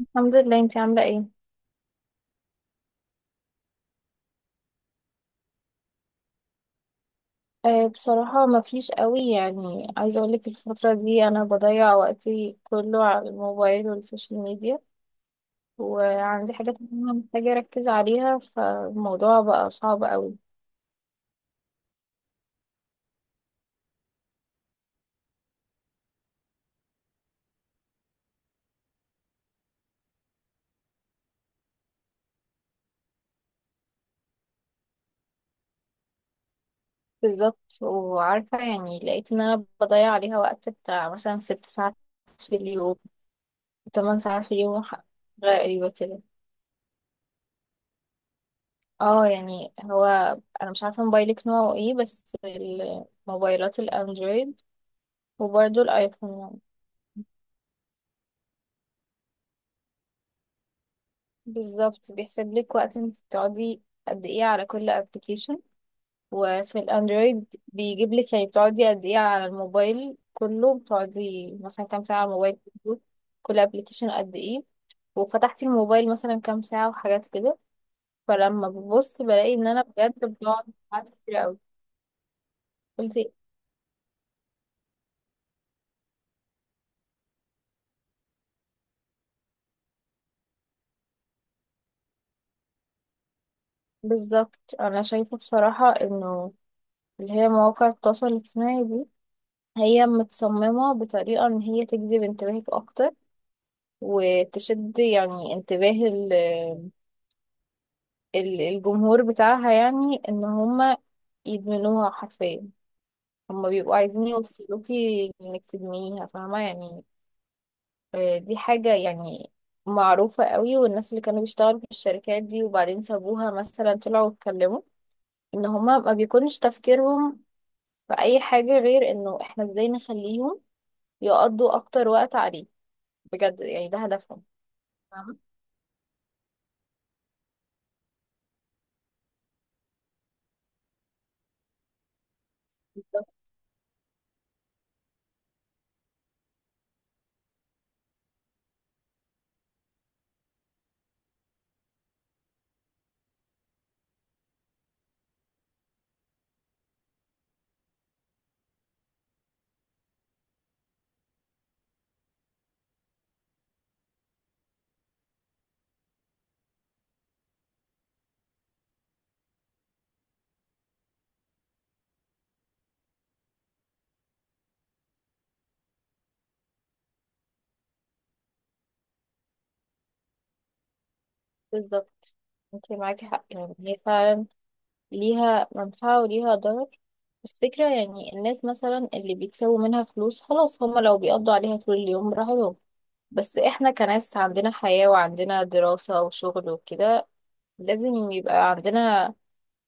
الحمد لله. انت عاملة ايه؟ بصراحة ما فيش قوي، يعني عايزة اقولك الفترة دي انا بضيع وقتي كله على الموبايل والسوشيال ميديا. وعندي حاجات مهمة محتاجة اركز عليها، فالموضوع بقى صعب قوي. بالظبط، وعارفة يعني لقيت ان انا بضيع عليها وقت بتاع مثلا 6 ساعات في اليوم. 8 ساعات في اليوم، حاجة غريبة كده. اه يعني هو، انا مش عارفة موبايلك نوعه ايه بس، الموبايلات الاندرويد وبرضه الايفون. بالظبط، بيحسب لك وقت انت بتقعدي قد ايه على كل ابلكيشن. وفي الاندرويد بيجيب لك، يعني بتقعدي قد ايه على الموبايل كله، بتقعدي مثلا كام ساعة على الموبايل كله، كل ابلكيشن قد ايه، وفتحتي الموبايل مثلا كام ساعة وحاجات كده. فلما ببص بلاقي ان انا بجد بقعد ساعات كتير قوي. قلت إيه؟ بالظبط، انا شايفة بصراحة انه اللي هي مواقع التواصل الاجتماعي دي، هي متصممة بطريقة ان هي تجذب انتباهك اكتر، وتشد يعني انتباه الجمهور بتاعها، يعني ان هما يدمنوها حرفيا. هما بيبقوا عايزين يوصلوكي انك تدمنيها، فاهمة يعني. دي حاجة يعني معروفة قوي، والناس اللي كانوا بيشتغلوا في الشركات دي وبعدين سابوها مثلا طلعوا اتكلموا ان هما ما بيكونش تفكيرهم في اي حاجة غير انه احنا ازاي نخليهم يقضوا اكتر وقت عليه. بجد يعني ده هدفهم. فاهمة. بالظبط بالظبط. انت معاكي حق، يعني هي فعلا ليها منفعة وليها ضرر. بس فكرة يعني الناس مثلا اللي بيكسبوا منها فلوس خلاص، هما لو بيقضوا عليها طول اليوم براحتهم. بس احنا كناس عندنا حياة وعندنا دراسة وشغل وكده، لازم يبقى عندنا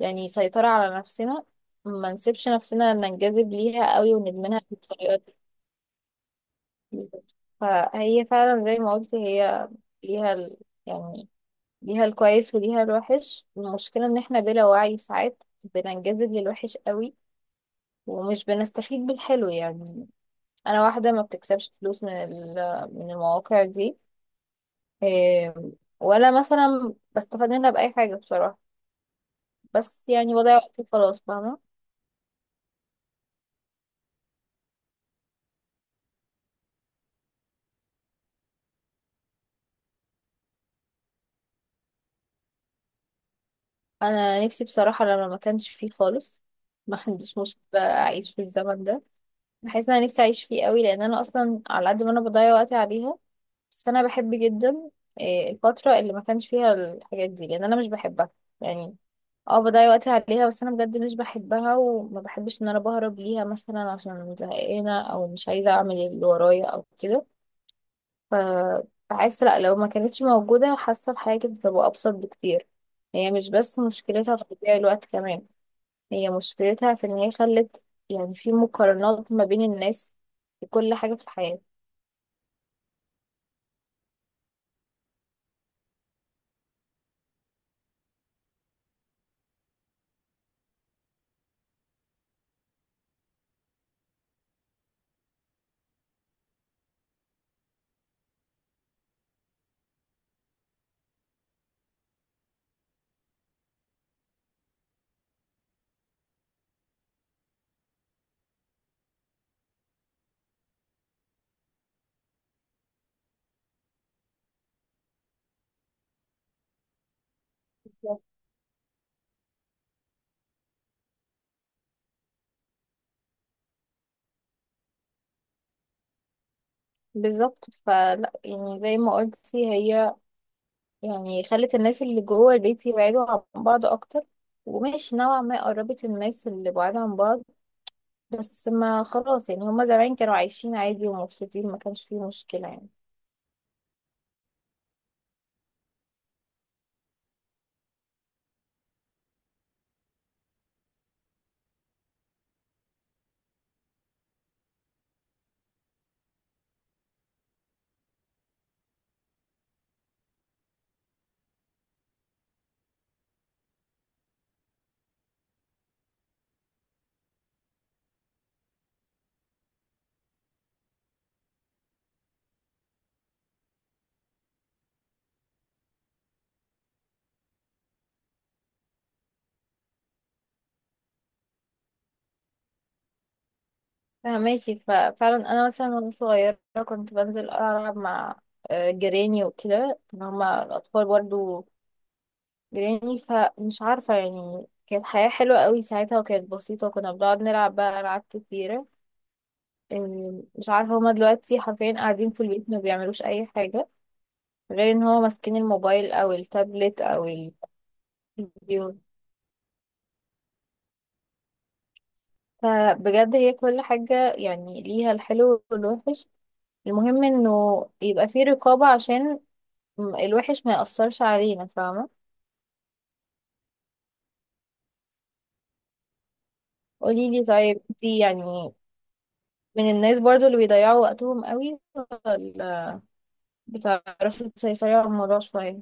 يعني سيطرة على نفسنا، ما نسيبش نفسنا ننجذب ليها قوي وندمنها بالطريقة دي. فهي فعلا زي ما قلت، هي ليها ال... يعني ليها الكويس وليها الوحش. المشكلة ان احنا بلا وعي ساعات بننجذب للوحش قوي، ومش بنستفيد بالحلو يعني. انا واحده ما بتكسبش فلوس من من المواقع دي، إيه، ولا مثلا بستفاد منها باي حاجه بصراحه. بس يعني بضيع وقتي خلاص، فاهمه. انا نفسي بصراحه لما ما كانش فيه خالص، ما عنديش مشكله اعيش في الزمن ده. بحس ان انا نفسي اعيش فيه قوي، لان انا اصلا على قد ما انا بضيع وقتي عليها. بس انا بحب جدا الفتره اللي ما كانش فيها الحاجات دي، لان انا مش بحبها يعني. اه بضيع وقتي عليها، بس انا بجد مش بحبها، وما بحبش ان انا بهرب ليها مثلا عشان زهقانه او مش عايزه اعمل اللي ورايا او كده. ف بحس لا، لو ما كانتش موجوده حاسه الحياه كانت هتبقى ابسط بكتير. هي مش بس مشكلتها في تضييع الوقت، كمان هي مشكلتها في ان هي خلت يعني في مقارنات ما بين الناس في كل حاجه في الحياه. بالظبط، فلا يعني زي ما قلتي، هي يعني خلت الناس اللي جوه البيت يبعدوا عن بعض اكتر، وماشي نوعا ما قربت الناس اللي بعاد عن بعض. بس ما خلاص يعني، هما زمان كانوا عايشين عادي ومبسوطين، ما كانش فيه مشكلة يعني. فهماكي، ففعلا انا مثلا وانا صغيرة كنت بنزل العب مع جيراني وكده، إن هما الاطفال برضو جيراني، فمش عارفة يعني كانت حياة حلوة قوي ساعتها وكانت بسيطة، وكنا بنقعد نلعب بقى ألعاب كتيرة. مش عارفة هما دلوقتي حرفيا قاعدين في البيت ما بيعملوش أي حاجة غير ان هو ماسكين الموبايل او التابلت او الفيديو. فبجد هي كل حاجة يعني ليها الحلو والوحش، المهم انه يبقى في رقابة عشان الوحش ما يأثرش علينا، فاهمة. قوليلي طيب، انتي يعني من الناس برضو اللي بيضيعوا وقتهم قوي، ولا بتعرفي تسيطري على الموضوع شوية؟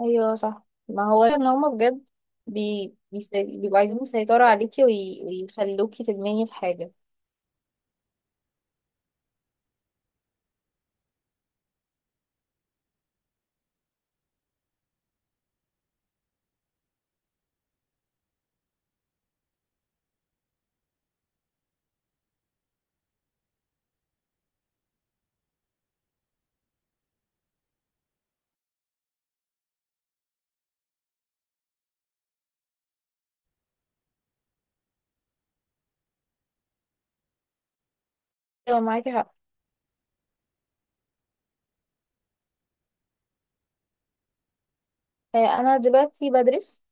ايوه صح، ما هو ان هما بجد بيبقوا عايزين يسيطروا عليكي ويخلوكي تدمني الحاجة. ايوه معاكي حق. آه، انا دلوقتي بدرس.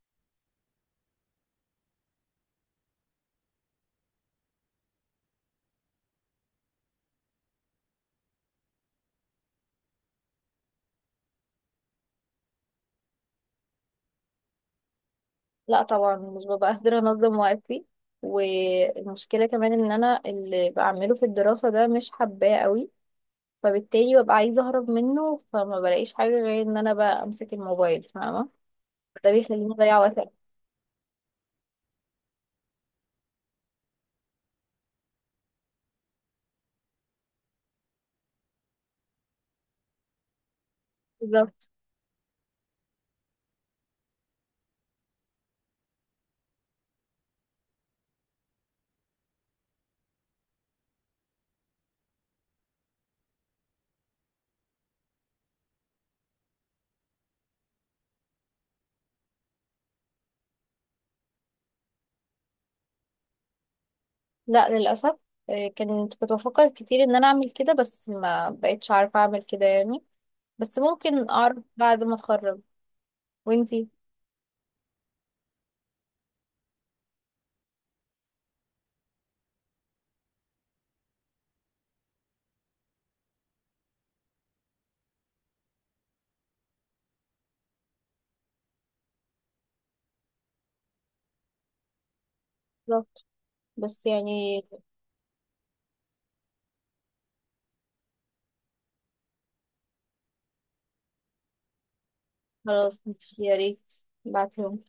لا طبعا مش ببقى قادرة انظم وقتي، والمشكلة كمان ان انا اللي بعمله في الدراسة ده مش حباه قوي، فبالتالي ببقى عايزة اهرب منه، فما بلاقيش حاجة غير ان انا بقى امسك الموبايل، فاهمة. ده بيخليني اضيع وقت أكتر. بالظبط. لا للأسف. آه، كنت بفكر كتير ان انا اعمل كده، بس ما بقتش عارفة اعمل كده يعني. بس ممكن اعرف بعد ما اتخرج. وانتي؟ بالظبط. بس يعني خلاص ماشي، يا ريت بعتهم.